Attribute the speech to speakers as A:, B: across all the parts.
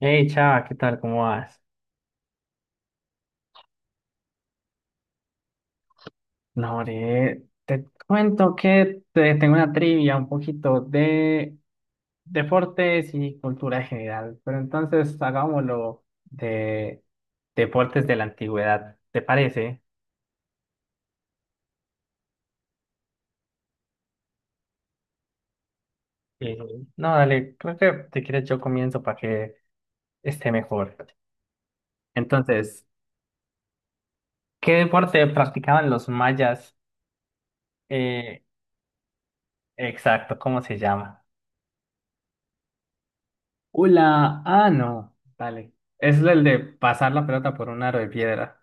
A: Hey, chava, ¿qué tal? ¿Cómo vas? No, hombre, te cuento que tengo una trivia un poquito de deportes y cultura general, pero entonces hagámoslo de deportes de la antigüedad, ¿te parece? Eh, no, dale, creo que si quieres yo comienzo para que esté mejor. Entonces, ¿qué deporte practicaban los mayas? Eh, exacto, ¿cómo se llama? Hola, ah, no, dale. Es el de pasar la pelota por un aro de piedra.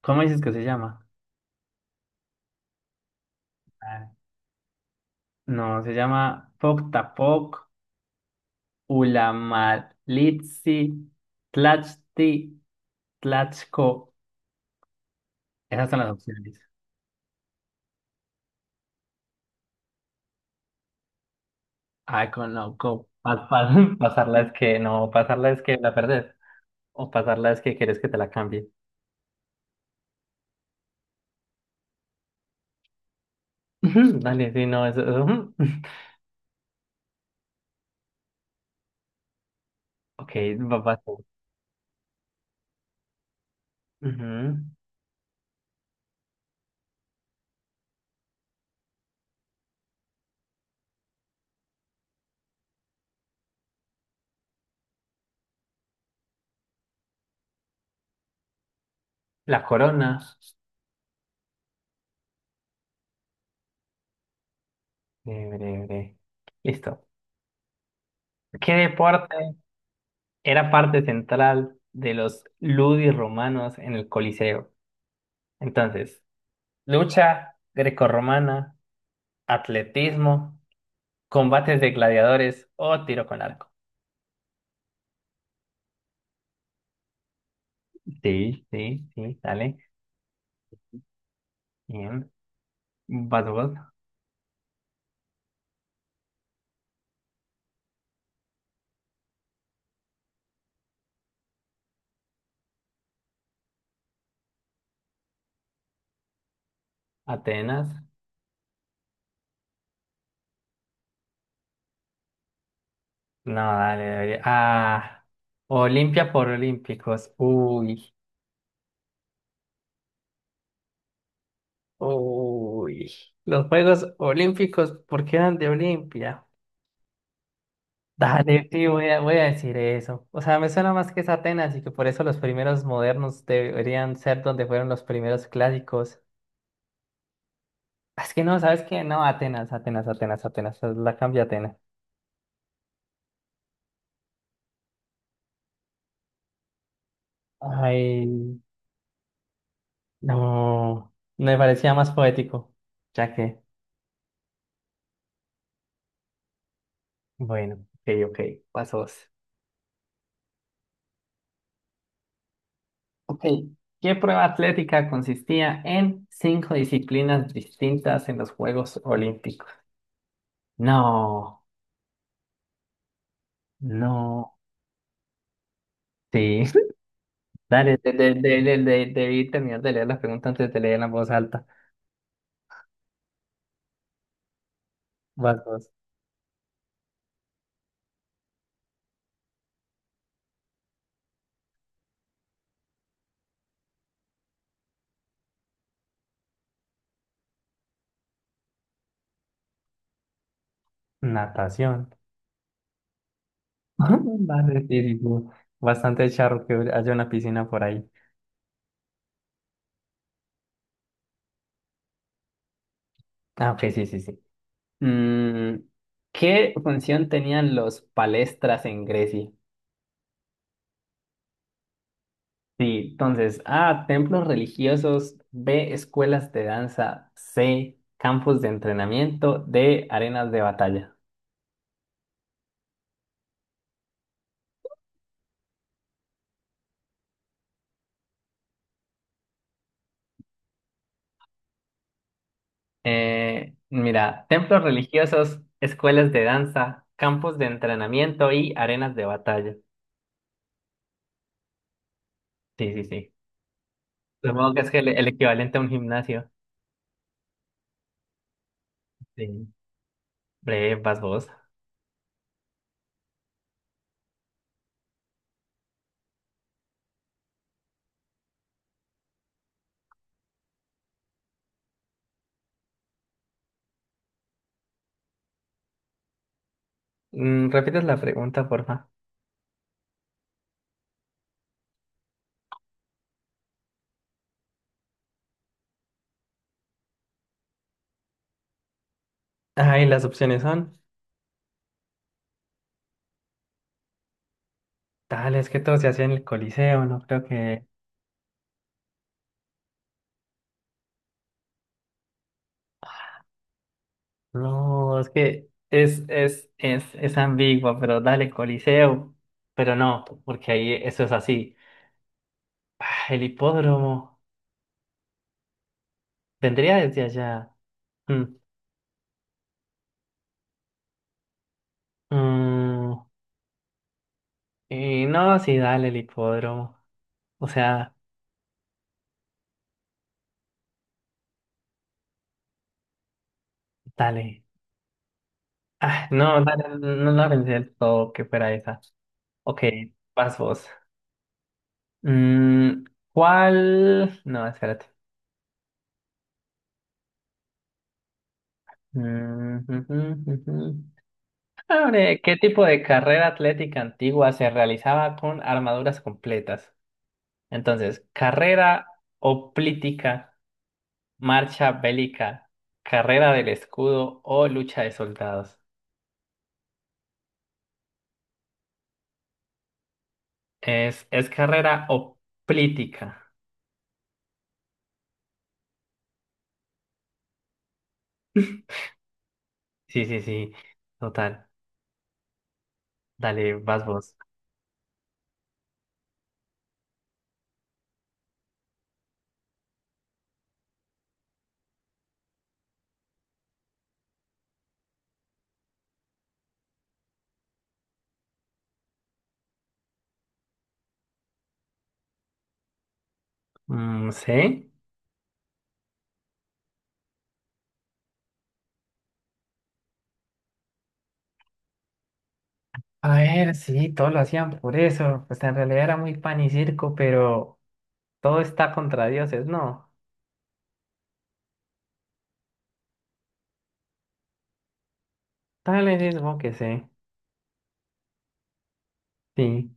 A: ¿Cómo dices que se llama? Ah, no, se llama Poktapoc, Ulamalitsi, Tlachti, Tlachco. Esas son las opciones. Ay, conozco. Pasarla es que no, pasarla es que la perdés. O pasarla es que querés que te la cambie. Ujú, dale, sí, no, eso. Eso, ujú. Ok, va, va tú. Ujú. La corona. Breve, breve, breve. Listo. ¿Qué deporte era parte central de los ludis romanos en el Coliseo? Entonces, lucha grecorromana, atletismo, combates de gladiadores o tiro con arco. Sí, sí, sí, dale. Bien. Vas vos. Atenas. No, dale, dale. Ah, Olimpia por Olímpicos. Uy, uy. Los Juegos Olímpicos, ¿por qué eran de Olimpia? Dale, sí, voy a decir eso. O sea, me suena más que es Atenas y que por eso los primeros modernos deberían ser donde fueron los primeros clásicos. Es que no, ¿sabes qué? No, Atenas, Atenas, Atenas, Atenas. La cambio a Atenas. Ay, no. Me parecía más poético. Ya que, bueno, ok, ok, pasos. Ok. ¿Qué prueba atlética consistía en cinco disciplinas distintas en los Juegos Olímpicos? No, no, sí. Dale, debí terminar de leer las preguntas antes de leer en voz alta. Vas vos. Natación. Vale, sí, sí, sí. Bastante charro que haya una piscina por ahí. Ah, ok, sí, sí, sí. Mm, ¿qué función tenían los palestras en Grecia? Sí, entonces, A, templos religiosos, B, escuelas de danza, C, campos de entrenamiento, D, arenas de batalla. Mira, templos religiosos, escuelas de danza, campos de entrenamiento y arenas de batalla. Sí, sí, sí. Supongo que es el equivalente a un gimnasio. Sí. Breve, vas vos. Mm, ¿repites la pregunta, porfa? Ay, las opciones son. Tal, es que todo se hacía en el Coliseo, no creo que. No, es que es ambigua, pero dale, Coliseo. Pero no, porque ahí eso es así. Ah, el hipódromo vendría desde allá. Mm. Mm, y no, sí, dale el hipódromo. O sea, dale. Ah, no, dale, no la pensé del todo que fuera esa. Ok, vas vos. Mm, ¿cuál? No, espérate. Mm, ujú, ujú. Abre, ¿qué tipo de carrera atlética antigua se realizaba con armaduras completas? Entonces, carrera hoplítica, marcha bélica, carrera del escudo o lucha de soldados. Es carrera o política. Sí, sí, sí. Total. Dale, vas vos. Mm, sí. A ver, sí, todos lo hacían por eso. Pues en realidad era muy pan y circo, pero todo está contra dioses, ¿no? Dale, sí, supongo que sí. Sí,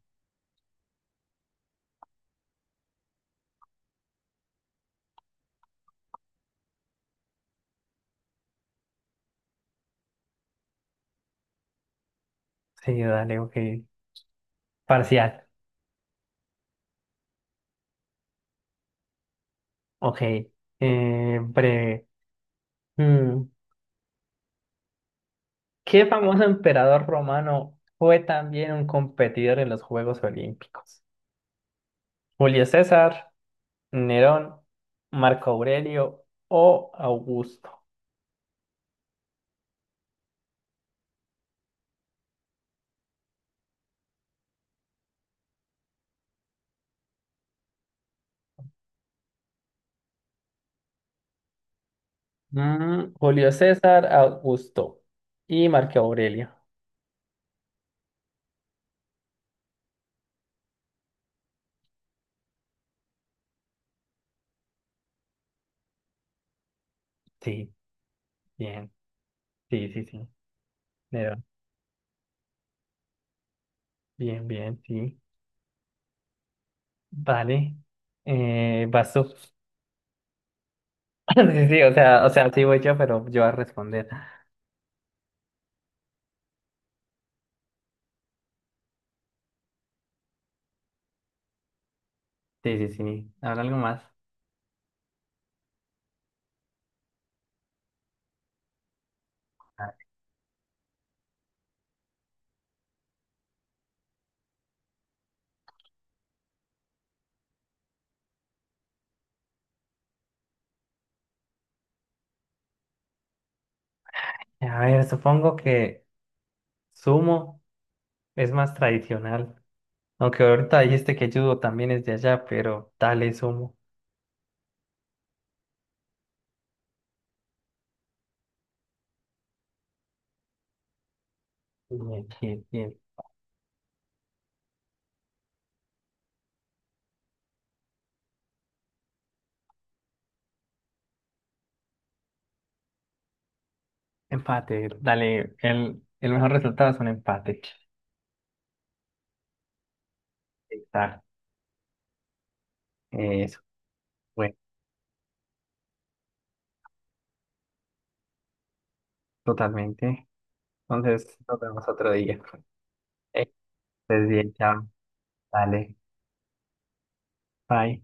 A: sí, dale, ok. Parcial. Ok. Breve. Mm, ¿qué famoso emperador romano fue también un competidor en los Juegos Olímpicos? Julio César. Nerón, Marco Aurelio o Augusto. Mm, Julio César, Augusto y Marco Aurelio. Sí. Bien, sí, sí, sí. Nerón. Bien, bien, sí. Vale. Vas tú. Sí, sí, sí voy yo, pero yo voy a responder. Sí, sí, sí. Ahora algo más. A a ver, supongo que sumo es más tradicional. Aunque ahorita dijiste que judo también es de allá, pero dale sumo. Bien, bien, bien. Empate, dale, el mejor resultado es un empate. Exacto. Eso, bueno, totalmente. Entonces, nos vemos otro día. Eh, Estés bien, chao. Dale, bye.